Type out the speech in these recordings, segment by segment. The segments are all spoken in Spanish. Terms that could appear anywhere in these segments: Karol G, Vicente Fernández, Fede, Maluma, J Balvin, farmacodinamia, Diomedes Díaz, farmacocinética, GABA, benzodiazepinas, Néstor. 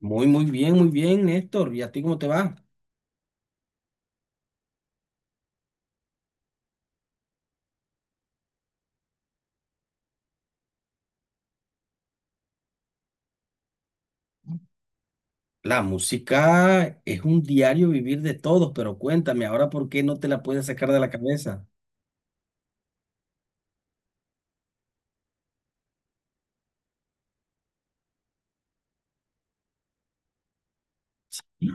Muy, muy bien, Néstor. ¿Y a ti cómo te va? La música es un diario vivir de todos, pero cuéntame, ahora por qué no te la puedes sacar de la cabeza. Sí.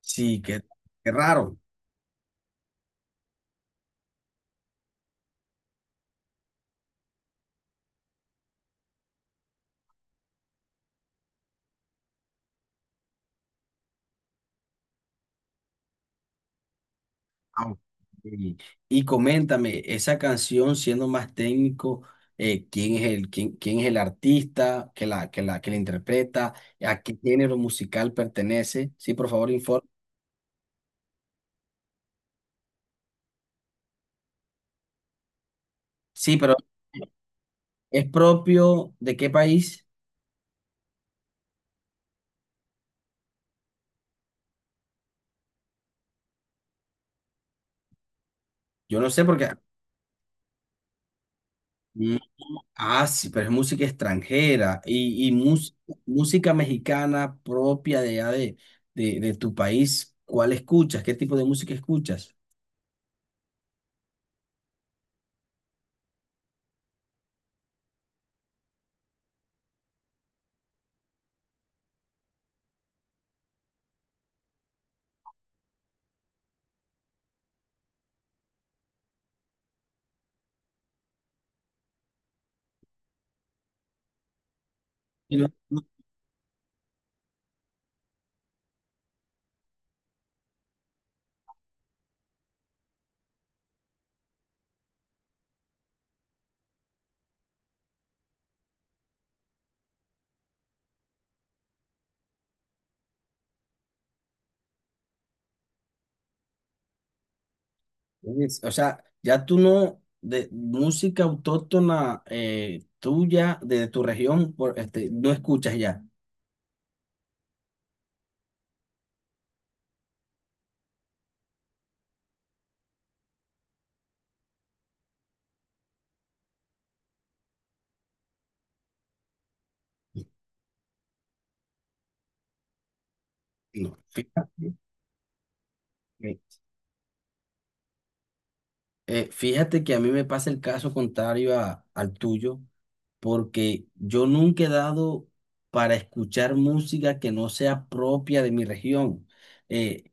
Sí, qué raro. Ah, ok. Y, y coméntame, esa canción, siendo más técnico, ¿quién es quién es el artista que la interpreta? ¿A qué género musical pertenece? Sí, por favor, informe. Sí, pero ¿es propio de qué país? Yo no sé porque... Ah, sí, pero es música extranjera y música mexicana propia de, allá de, de tu país. ¿Cuál escuchas? ¿Qué tipo de música escuchas? Y no- no- O sea, ya tú no, de música autóctona tuya, de tu región, por, este, no escuchas ya. No. Fíjate. Fíjate que a mí me pasa el caso contrario al tuyo, porque yo nunca he dado para escuchar música que no sea propia de mi región. Eh,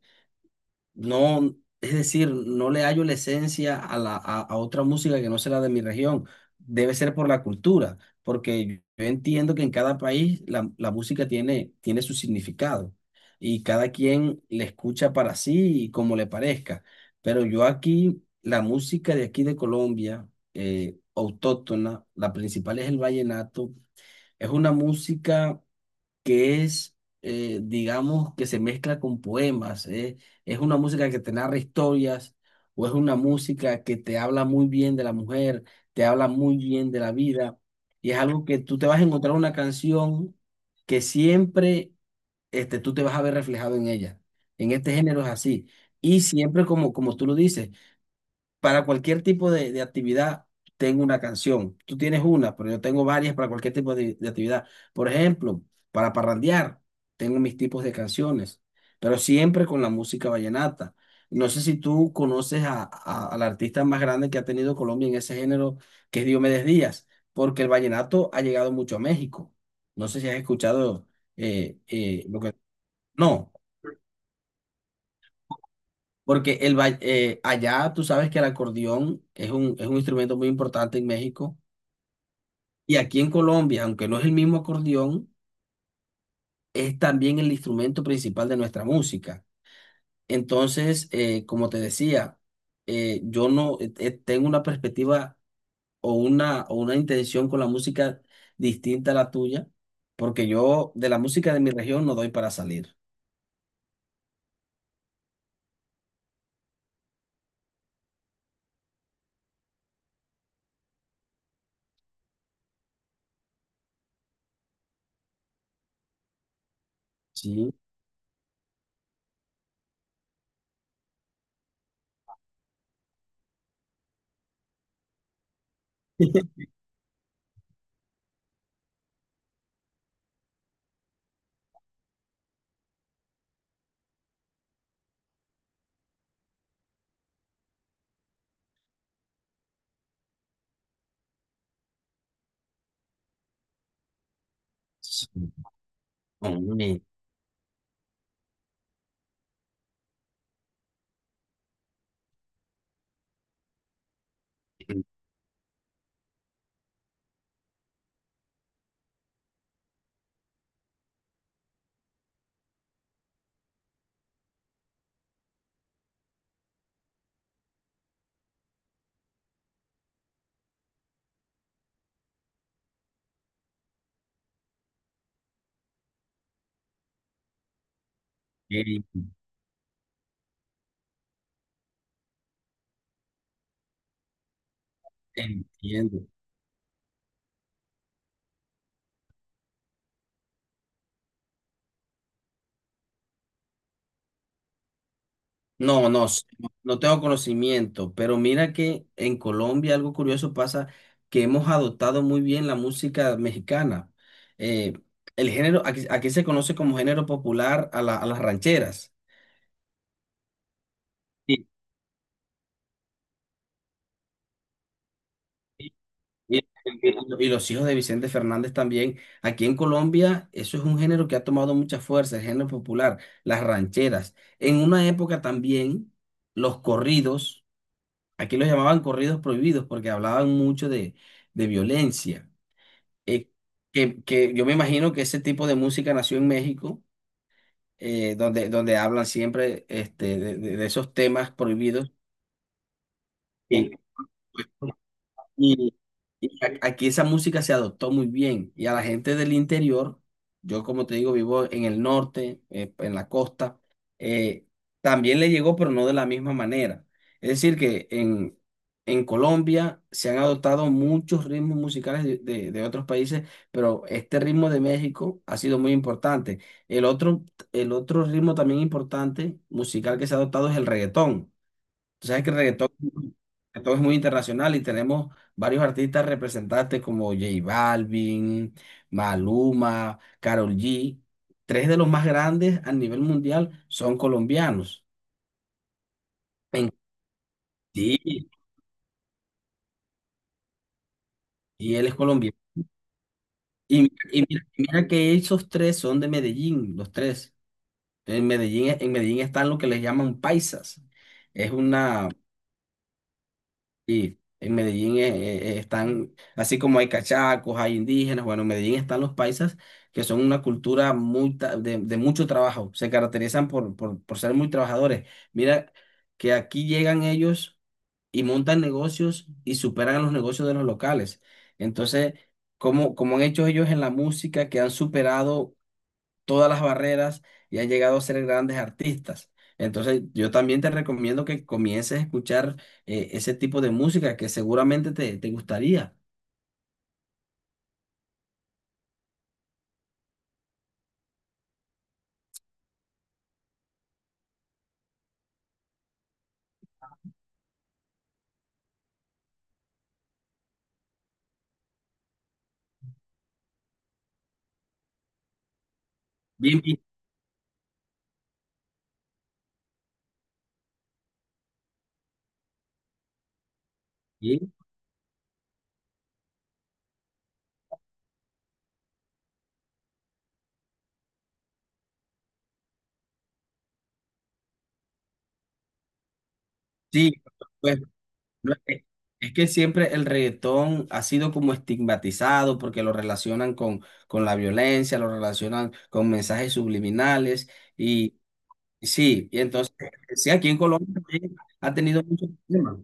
no, es decir, no le hallo la esencia a a otra música que no sea la de mi región. Debe ser por la cultura, porque yo entiendo que en cada país la música tiene su significado y cada quien le escucha para sí y como le parezca. Pero yo aquí, la música de aquí de Colombia, autóctona, la principal es el vallenato, es una música que es, digamos, que se mezcla con poemas. Es una música que te narra historias o es una música que te habla muy bien de la mujer, te habla muy bien de la vida. Y es algo que tú te vas a encontrar una canción que siempre tú te vas a ver reflejado en ella. En este género es así. Y siempre, como, como tú lo dices, para cualquier tipo de actividad tengo una canción. Tú tienes una, pero yo tengo varias para cualquier tipo de actividad. Por ejemplo, para parrandear, tengo mis tipos de canciones, pero siempre con la música vallenata. No sé si tú conoces a, al artista más grande que ha tenido Colombia en ese género, que es Diomedes Díaz, porque el vallenato ha llegado mucho a México. No sé si has escuchado lo que... No. Porque allá tú sabes que el acordeón es un instrumento muy importante en México y aquí en Colombia, aunque no es el mismo acordeón, es también el instrumento principal de nuestra música. Entonces, como te decía, yo no tengo una perspectiva o una intención con la música distinta a la tuya, porque yo de la música de mi región no doy para salir. Sí. Sí. Hombre, ok, entiendo. No, no tengo conocimiento, pero mira que en Colombia algo curioso pasa que hemos adoptado muy bien la música mexicana. Eh, el género, aquí, aquí se conoce como género popular a a las rancheras. Sí. Y, y los hijos de Vicente Fernández también. Aquí en Colombia, eso es un género que ha tomado mucha fuerza, el género popular, las rancheras. En una época también, los corridos, aquí los llamaban corridos prohibidos porque hablaban mucho de violencia. eh, que yo me imagino que ese tipo de música nació en México, donde hablan siempre este, de, de esos temas prohibidos. Sí. Y, Y aquí esa música se adoptó muy bien y a la gente del interior, yo como te digo, vivo en el norte, en la costa, eh, también le llegó, pero no de la misma manera. Es decir, que en Colombia se han adoptado muchos ritmos musicales de, de otros países, pero este ritmo de México ha sido muy importante. El otro, el otro ritmo también importante musical que se ha adoptado es el reggaetón. Tú sabes que el reggaetón que todo es muy internacional y tenemos varios artistas representantes como J Balvin, Maluma, Karol G. Tres de los más grandes a nivel mundial son colombianos. En- sí, y él es colombiano. Y, y mira que esos tres son de Medellín, los tres. En Medellín están lo que les llaman paisas. Es una, y en Medellín están, así como hay cachacos, hay indígenas, bueno, en Medellín están los paisas, que son una cultura de mucho trabajo, se caracterizan por ser muy trabajadores. Mira que aquí llegan ellos y montan negocios y superan los negocios de los locales. Entonces, como, como han hecho ellos en la música, que han superado todas las barreras y han llegado a ser grandes artistas. Entonces, yo también te recomiendo que comiences a escuchar ese tipo de música que seguramente te gustaría. Bien, bien, bien. Sí, pues no, es que siempre el reggaetón ha sido como estigmatizado porque lo relacionan con la violencia, lo relacionan con mensajes subliminales y y sí, y entonces, sí, aquí en Colombia también ha tenido mucho problema.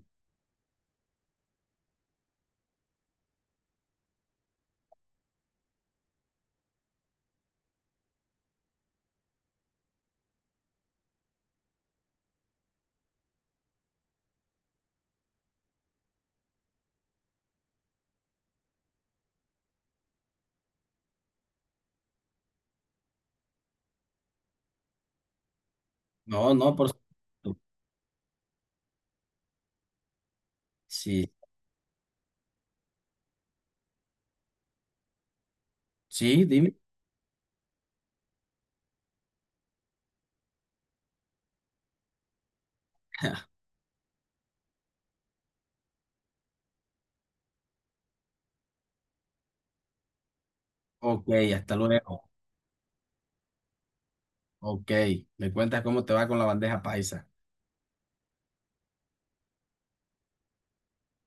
No, no, por supuesto. Sí, sí, dime. Ok, hasta luego. Ok, me cuentas cómo te va con la bandeja paisa.